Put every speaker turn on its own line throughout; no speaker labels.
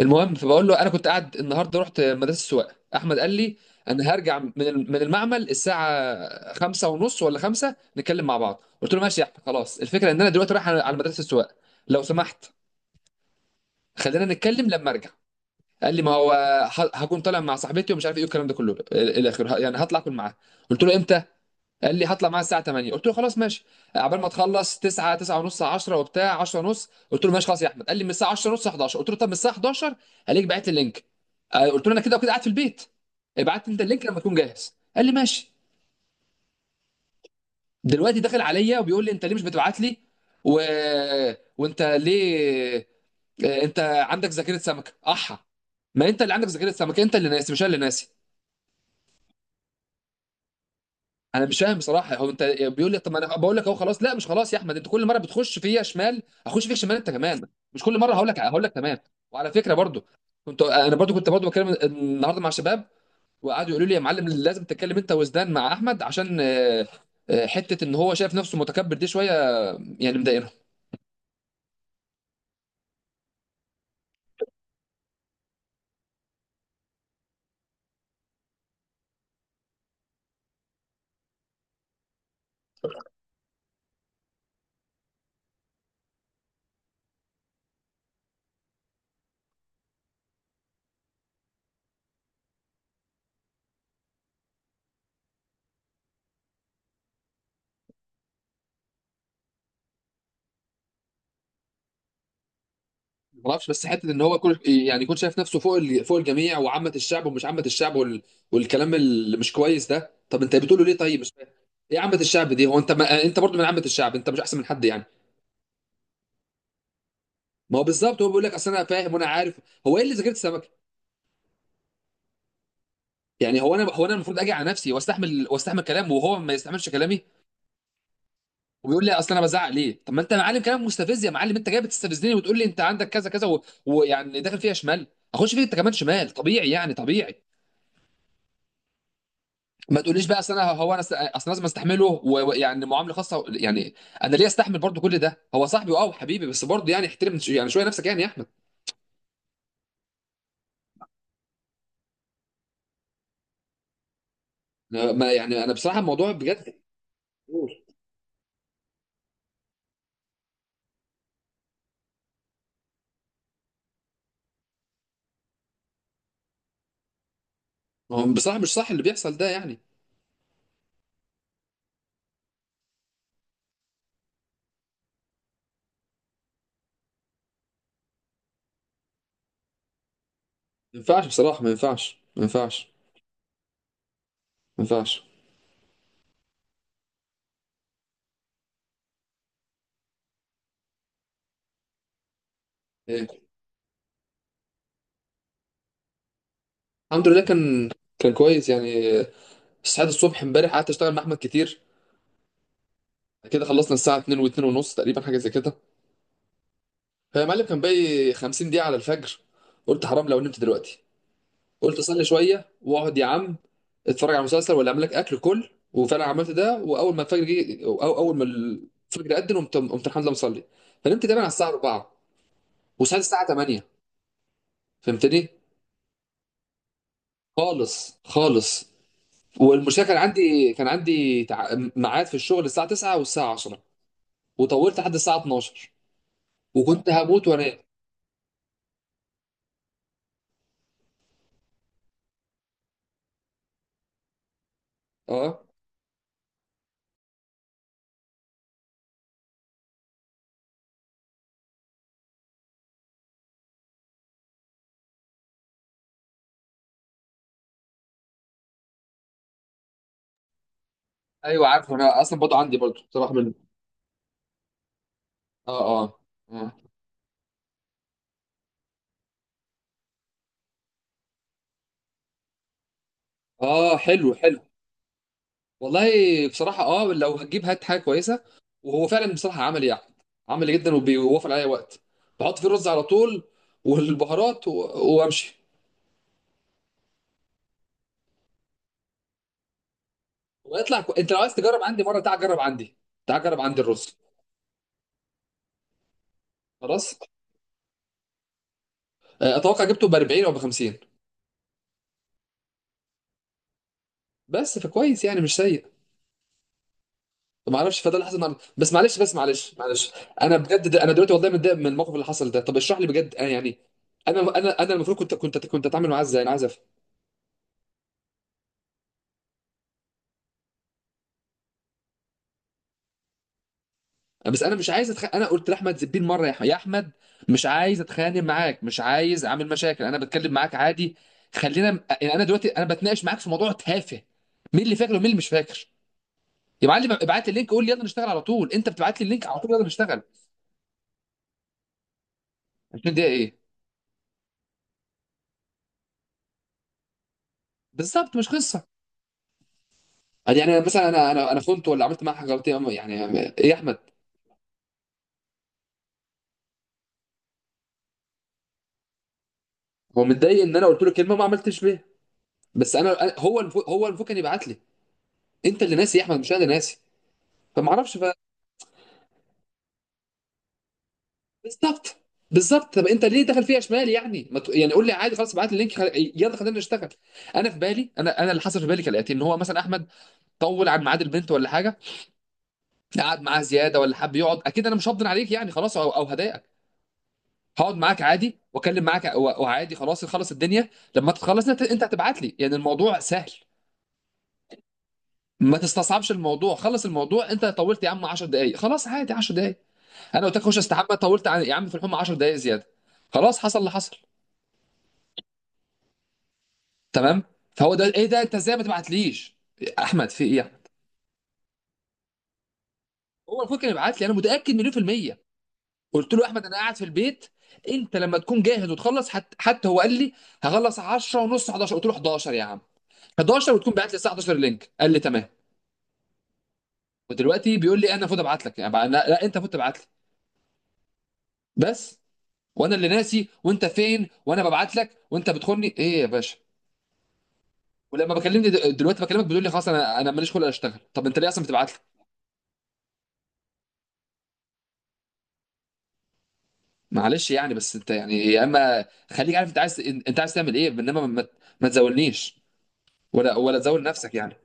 المهم فبقول له انا كنت قاعد النهارده، رحت مدرسه السواقه. احمد قال لي انا هرجع من المعمل الساعه خمسة ونص ولا خمسة، نتكلم مع بعض. قلت له ماشي يا احمد، خلاص. الفكره ان انا دلوقتي رايح على مدرسه السواقه، لو سمحت خلينا نتكلم لما ارجع. قال لي ما هو هكون طالع مع صاحبتي ومش عارف ايه والكلام ده كله الى اخره، يعني هطلع اكل معاها. قلت له امتى؟ قال لي هطلع معاه الساعه 8. قلت له خلاص ماشي، عبال ما تخلص 9، 9 ونص، 10 وبتاع. 10 ونص قلت له ماشي خلاص يا احمد. قال لي من الساعه 10 ونص 11. قلت له طب من الساعه 11 هلاقيك بعت لي اللينك. آه، قلت له انا كده وكده قاعد في البيت، ابعت لي انت اللينك لما تكون جاهز. قال لي ماشي. دلوقتي داخل عليا وبيقول لي انت ليه مش بتبعت لي؟ و... وانت ليه؟ آه، انت عندك ذاكره سمكه، احا. ما انت اللي عندك ذاكره سمكه، انت اللي ناسي مش انا اللي ناسي. انا مش فاهم بصراحه، هو انت بيقول لي طب ما انا بقول لك اهو خلاص. لا مش خلاص يا احمد، انت كل مره بتخش فيا شمال، هخش فيك شمال انت كمان. مش كل مره هقول لك تمام. وعلى فكره برضو، كنت انا برضو بتكلم النهارده مع شباب، وقعدوا يقولوا لي يا معلم لازم تتكلم انت وزدان مع احمد، عشان آه، آه، حته ان هو شايف نفسه متكبر دي شويه، يعني مضايقني. ما اعرفش، بس حته ان هو كل يعني يكون شايف نفسه فوق فوق الجميع، وعامه الشعب ومش عامه الشعب والكلام اللي مش كويس ده. طب انت بتقوله ليه؟ طيب مش فاهم ايه عامه الشعب دي؟ هو انت ما... انت برضه من عامه الشعب، انت مش احسن من حد يعني. ما هو بالظبط، هو بيقول لك اصل انا فاهم وانا عارف. هو ايه اللي ذاكرت السمكه؟ يعني هو انا، هو انا المفروض اجي على نفسي واستحمل، واستحمل كلامه وهو ما يستحملش كلامي؟ وبيقول لي اصل انا بزعق ليه. طب ما انت يا معلم كلام مستفز، يا معلم انت جاي بتستفزني وتقول لي انت عندك كذا كذا ويعني داخل فيها شمال، اخش فيك انت كمان شمال طبيعي يعني، طبيعي. ما تقوليش بقى اصل انا، هو انا اصل لازم استحمله ويعني معامله خاصه يعني. انا ليه استحمل برضو كل ده؟ هو صاحبي اه وحبيبي، بس برضو يعني احترم يعني شويه نفسك يعني يا احمد. ما يعني انا بصراحه الموضوع بجد، هو بصراحه مش صح اللي بيحصل ده يعني. ما ينفعش بصراحه، ما ينفعش. إيه. الحمد لله، كان كويس يعني. صحيت الصبح امبارح، قعدت اشتغل مع احمد كتير كده. خلصنا الساعه 2 و2 ونص تقريبا، حاجه زي كده. هي يا معلم كان باقي 50 دقيقه على الفجر. قلت حرام لو نمت دلوقتي، قلت اصلي شويه واقعد يا عم اتفرج على مسلسل ولا اعمل لك اكل كل. وفعلا عملت ده، واول ما الفجر جه، او أو اول ما الفجر اذن، قمت الحمد لله مصلي. فنمت تقريبا على الساعه 4، وصحيت الساعه 8. فهمتني؟ خالص خالص. والمشكله كان عندي ميعاد في الشغل الساعه 9 والساعه 10، وطولت لحد الساعه 12 وكنت هموت وانام. اه. ايوه عارف، انا اصلا برضه عندي برضه بصراحه من اه اه. اه. آه، حلو حلو. والله بصراحة اه، لو هتجيب هات حاجة كويسة. وهو فعلا بصراحة عملي يعني، عملي جدا وبيوفر عليا وقت. بحط فيه الرز على طول والبهارات وامشي. ويطلع انت لو عايز تجرب عندي مرة تعال جرب عندي، تعال جرب عندي الرز. خلاص. آه، اتوقع جبته ب 40 او ب 50. بس فكويس يعني، مش سيء. ما اعرفش، فده اللي حصل النهارده. بس معلش، معلش. انا بجد ده، انا دلوقتي والله متضايق من الموقف اللي حصل ده. طب اشرح لي بجد، انا يعني انا المفروض كنت اتعامل معاه ازاي؟ انا عايز. بس انا مش عايز انا قلت لاحمد زبير مره يا يا احمد، مش عايز اتخانق معاك، مش عايز اعمل مشاكل، انا بتكلم معاك عادي. خلينا يعني، انا دلوقتي انا بتناقش معاك في موضوع تافه، مين اللي فاكر ومين اللي مش فاكر. يا معلم ابعت لي اللينك، قول لي يلا نشتغل على طول، انت بتبعت لي اللينك على طول يلا نشتغل. 20 دقيقه ايه؟ بالظبط مش قصه. يعني انا مثلا، انا خنت ولا عملت معاه حاجه غلط يعني؟ يعني ايه يا احمد؟ هو متضايق ان انا قلت له كلمه ما عملتش بيها، بس انا هو المفروض كان يبعت لي. انت اللي ناسي يا احمد مش انا اللي ناسي. فما اعرفش. بالظبط، بالظبط. طب انت ليه دخل فيها شمال يعني؟ ما ت... يعني قول لي عادي خلاص، ابعت لي اللينك يلا خلينا نشتغل. انا في بالي، انا انا اللي حصل في بالي كالاتي: ان هو مثلا احمد طول عن ميعاد البنت ولا حاجه، قعد معاها زياده ولا حب يقعد، اكيد انا مش هفضل عليك يعني، خلاص او هضايقك. هقعد معاك عادي واكلم معاك وعادي، خلاص نخلص الدنيا. لما تخلص انت، هتبعت لي يعني الموضوع سهل. ما تستصعبش الموضوع، خلص الموضوع. انت طولت يا عم 10 دقائق، خلاص عادي 10 دقائق. انا قلت لك خش استحمى، طولت عن- يا عم في الحمى 10 دقائق زياده، خلاص حصل اللي حصل. تمام. فهو ده ايه؟ ده انت ازاي ما تبعتليش؟ احمد في ايه يا أحمد؟ هو المفروض كان يبعت لي، انا متاكد مليون في الميه. قلت له احمد انا قاعد في البيت، انت لما تكون جاهز وتخلص، حتى هو قال لي هخلص 10 ونص 11. قلت له 11 يا عم، 11 وتكون بعت لي الساعه 11 اللينك. قال لي تمام. ودلوقتي بيقول لي انا المفروض ابعت لك. يعني لا, لا انت المفروض تبعت لي. بس. وانا اللي ناسي وانت فين، وانا ببعت لك وانت بتخوني ايه يا باشا؟ ولما بكلمني دلوقتي بكلمك، بتقول لي خلاص انا، انا ماليش خلق اشتغل. طب انت ليه اصلا بتبعت لي؟ معلش يعني، بس انت يعني يا اما خليك عارف انت عايز، انت عايز تعمل ايه. انما ما تزولنيش، ولا تزول نفسك يعني.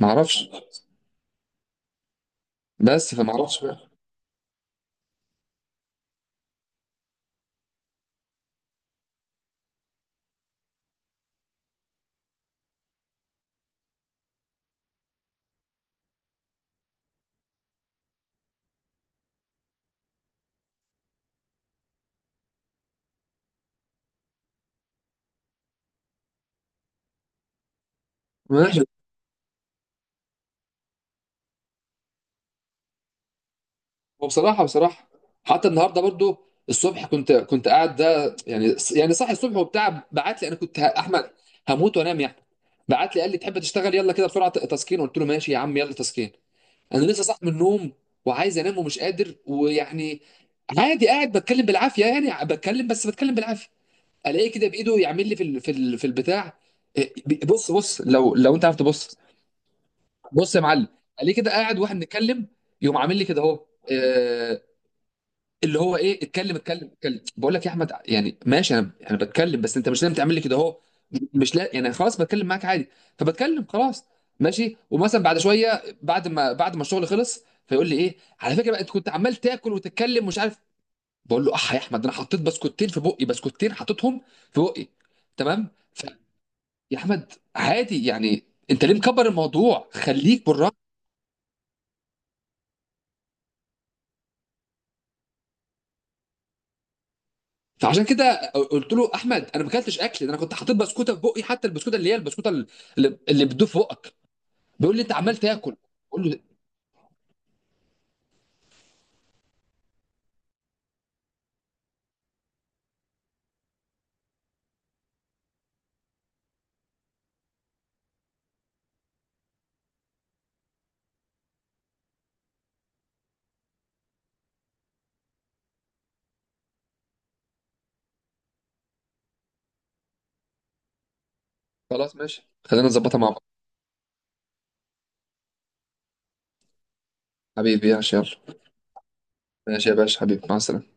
ما اعرفش، بس فما اعرفش بقى. ماشي. وبصراحه، بصراحه حتى النهارده برضو الصبح، كنت قاعد ده يعني، يعني صاحي الصبح وبتاع. بعت لي انا، كنت احمد هموت وانام يعني. بعت لي قال لي تحب تشتغل؟ يلا كده بسرعه تسكين. قلت له ماشي يا عم يلا تسكين. انا لسه صاحي من النوم وعايز انام ومش قادر ويعني. عادي، قاعد بتكلم بالعافيه يعني، بتكلم بس بتكلم بالعافيه. الاقيه كده بايده يعمل لي في في البتاع. إيه، بص بص لو انت عارف تبص، بص يا معلم. الاقيه كده قاعد واحنا بنتكلم، يقوم عامل لي كده اهو. إيه، اللي هو ايه؟ اتكلم اتكلم اتكلم، بقول لك يا احمد يعني ماشي انا، انا بتكلم بس انت مش لازم تعمل لي كده اهو. مش لا يعني خلاص، بتكلم معاك عادي. فبتكلم خلاص ماشي. ومثلا بعد شويه، بعد ما الشغل خلص، فيقول لي ايه على فكره بقى، انت كنت عمال تاكل وتتكلم، مش عارف. بقول له اح يا احمد، انا حطيت بسكوتين في بقي، بسكوتين حطيتهم في بقي. تمام يا احمد عادي يعني، انت ليه مكبر الموضوع؟ خليك بالراحه. فعشان كده قلت له احمد، انا ما اكلتش اكل ده، انا كنت حاطط بسكوته في بقي، حتى البسكوته اللي هي البسكوته اللي اللي بتدوب في بقك. بيقول لي انت عمال تاكل، بقول له خلاص ماشي، خلينا نظبطها مع بعض. حبيبي يا يلا. ماشي يا باشا حبيبي، مع السلامه